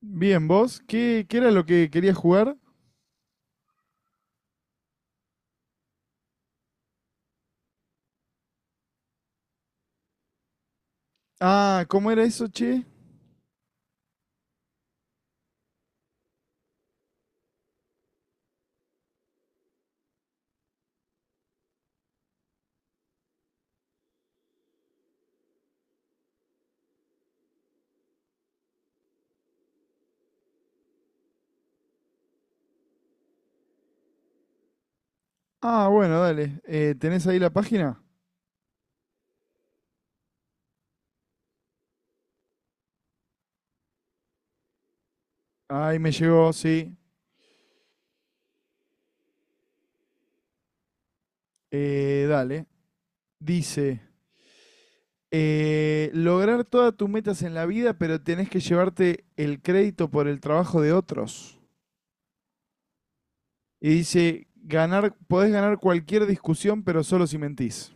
Bien, vos, ¿qué era lo que querías jugar? Ah, ¿cómo era eso, che? Ah, bueno, dale. ¿Tenés ahí la página? Ahí me llegó, sí. Dale. Dice, lograr todas tus metas en la vida, pero tenés que llevarte el crédito por el trabajo de otros. Y dice, ganar, podés ganar cualquier discusión, pero solo si mentís.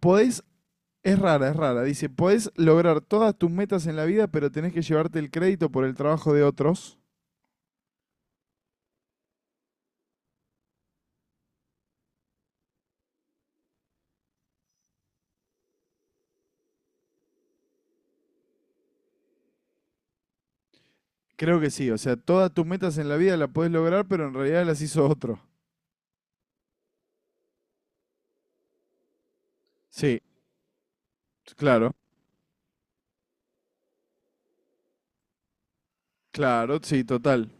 Podés, es rara. Dice, podés lograr todas tus metas en la vida, pero tenés que llevarte el crédito por el trabajo de otros. Creo que sí, o sea, todas tus metas en la vida las podés lograr, pero en realidad las hizo otro. Sí, claro, claro, sí, total.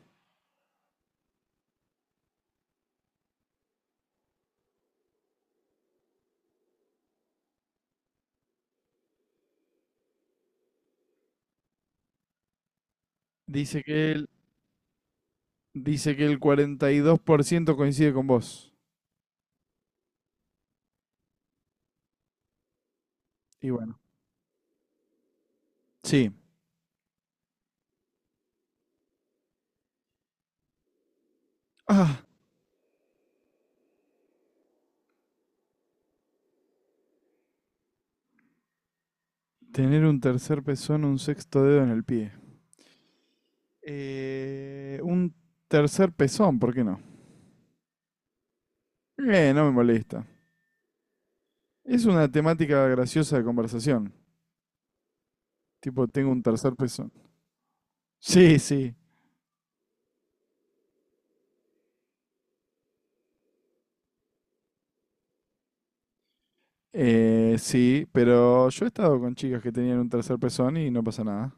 Dice que él, dice que el 42% coincide con vos. Y bueno, sí. Ah, tener un tercer pezón, o un sexto dedo en el pie. Un tercer pezón, ¿por qué no? No me molesta. Es una temática graciosa de conversación. Tipo, tengo un tercer pezón. Sí, sí. Sí, pero yo he estado con chicas que tenían un tercer pezón y no pasa nada.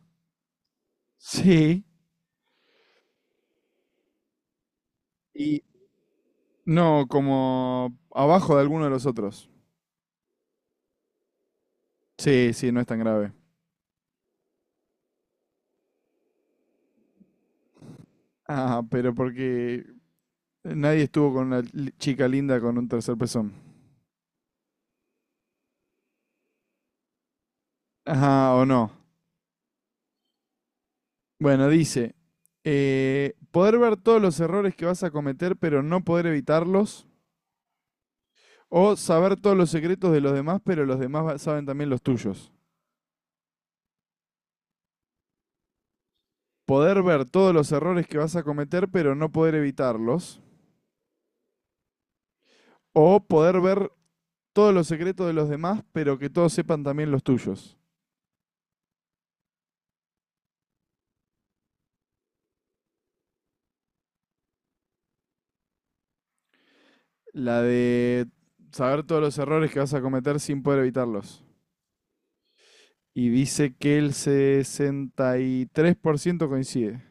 Sí. Y no, como abajo de alguno de los otros. Sí, sí, no es tan grave. Ah, pero porque nadie estuvo con una chica linda con un tercer pezón. Ajá, o no. Bueno, dice, poder ver todos los errores que vas a cometer, pero no poder evitarlos. O saber todos los secretos de los demás, pero los demás saben también los tuyos. Poder ver todos los errores que vas a cometer, pero no poder evitarlos. O poder ver todos los secretos de los demás, pero que todos sepan también los tuyos. La de saber todos los errores que vas a cometer sin poder evitarlos. Y dice que el 63% coincide.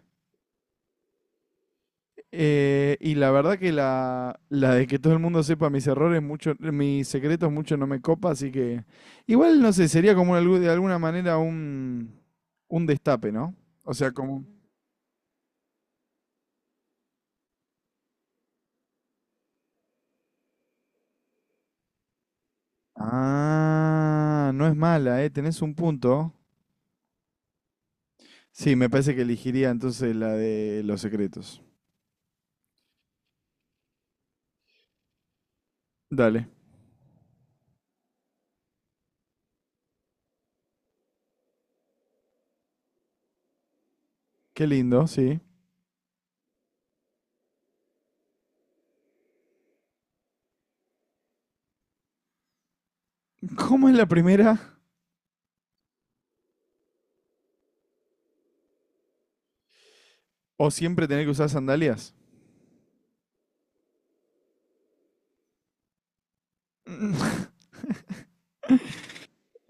Y la verdad que la de que todo el mundo sepa mis errores, mucho, mis secretos, mucho no me copa, así que igual no sé, sería como de alguna manera un destape, ¿no? O sea, como... Ah, no es mala, ¿eh? Tenés un punto. Sí, me parece que elegiría entonces la de los secretos. Dale. Qué lindo, sí. ¿Cómo es la primera? ¿O siempre tener que usar sandalias?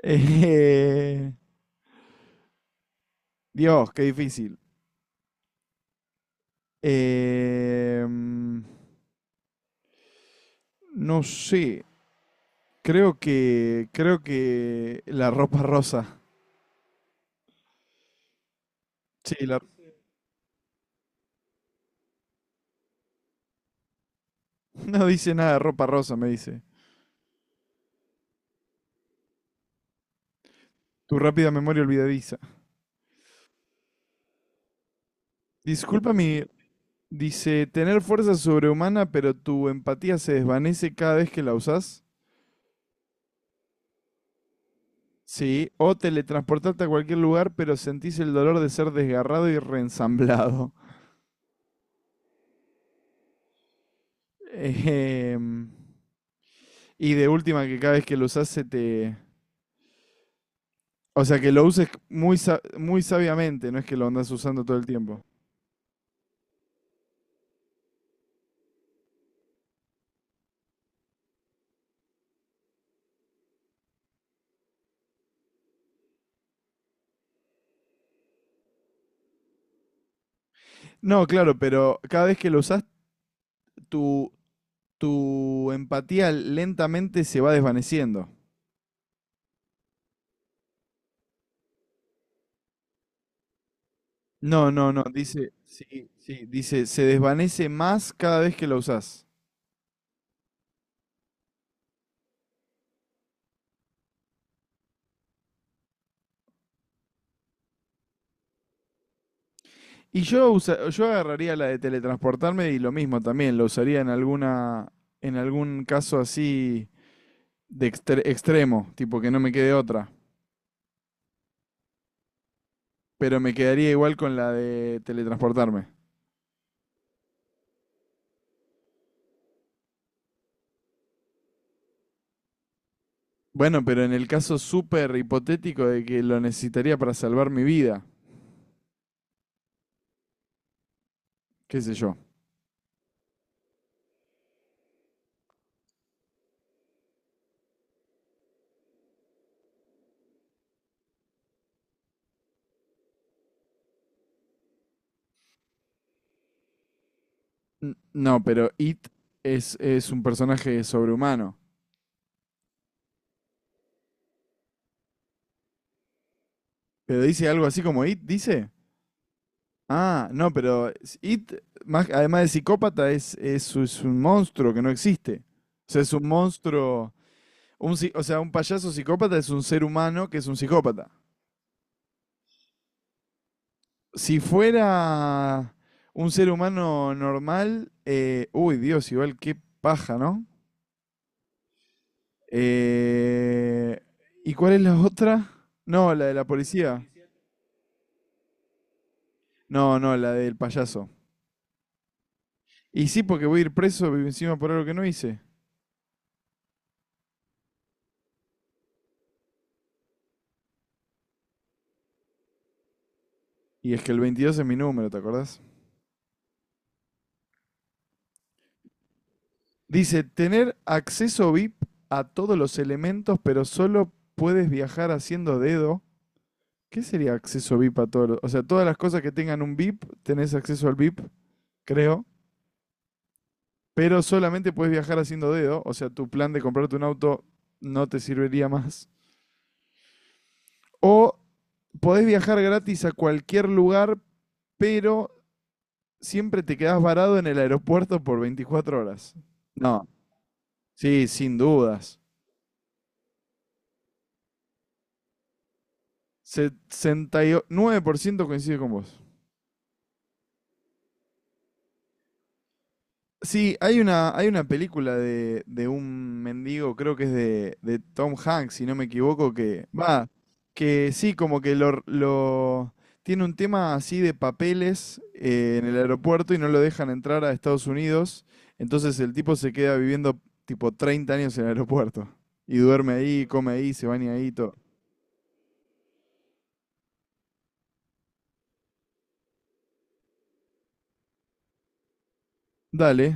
Eh, Dios, qué difícil. Eh, mm, no sé. Creo que la ropa rosa. Sí, no dice nada, ropa rosa, me dice. Tu rápida memoria olvidadiza. Disculpa mi. Dice, tener fuerza sobrehumana, pero tu empatía se desvanece cada vez que la usás. Sí. O teletransportarte a cualquier lugar, pero sentís el dolor de ser desgarrado y reensamblado. Ejem, y de última, que cada vez que lo usás se te... O sea, que lo uses muy, muy sabiamente, no es que lo andas usando todo el tiempo. No, claro, pero cada vez que lo usás, tu, tu empatía lentamente se va desvaneciendo. No, dice, sí, sí, dice, se desvanece más cada vez que la usás. Y yo agarraría la de teletransportarme y lo mismo también, lo usaría en alguna, en algún caso así de extremo, tipo que no me quede otra. Pero me quedaría igual con la de teletransportarme. Bueno, pero en el caso súper hipotético de que lo necesitaría para salvar mi vida, qué sé yo. No, pero It es un personaje sobrehumano. Pero dice algo así como It, dice. Ah, no, pero It, más, además de psicópata, es un monstruo que no existe. O sea, es un monstruo. Un, o sea, un payaso psicópata es un ser humano que es un psicópata. Si fuera un ser humano normal, uy, Dios, igual qué paja, ¿no? Eh, ¿Y cuál es la otra? No, la de la policía. No, no, la del payaso. Y sí, porque voy a ir preso encima por algo que no hice. Y es que el 22 es mi número, ¿te acordás? Dice, tener acceso VIP a todos los elementos, pero solo puedes viajar haciendo dedo. ¿Qué sería acceso VIP a todos los? O sea, todas las cosas que tengan un VIP, tenés acceso al VIP, creo. Pero solamente puedes viajar haciendo dedo. O sea, tu plan de comprarte un auto no te serviría más. O podés viajar gratis a cualquier lugar, pero siempre te quedás varado en el aeropuerto por 24 horas. No, sí, sin dudas. 69% coincide con vos. Sí, hay una película de un mendigo, creo que es de Tom Hanks, si no me equivoco, que va, que sí, como que tiene un tema así de papeles en el aeropuerto y no lo dejan entrar a Estados Unidos. Entonces el tipo se queda viviendo tipo 30 años en el aeropuerto y duerme ahí, come ahí, se baña ahí, y todo. Dale.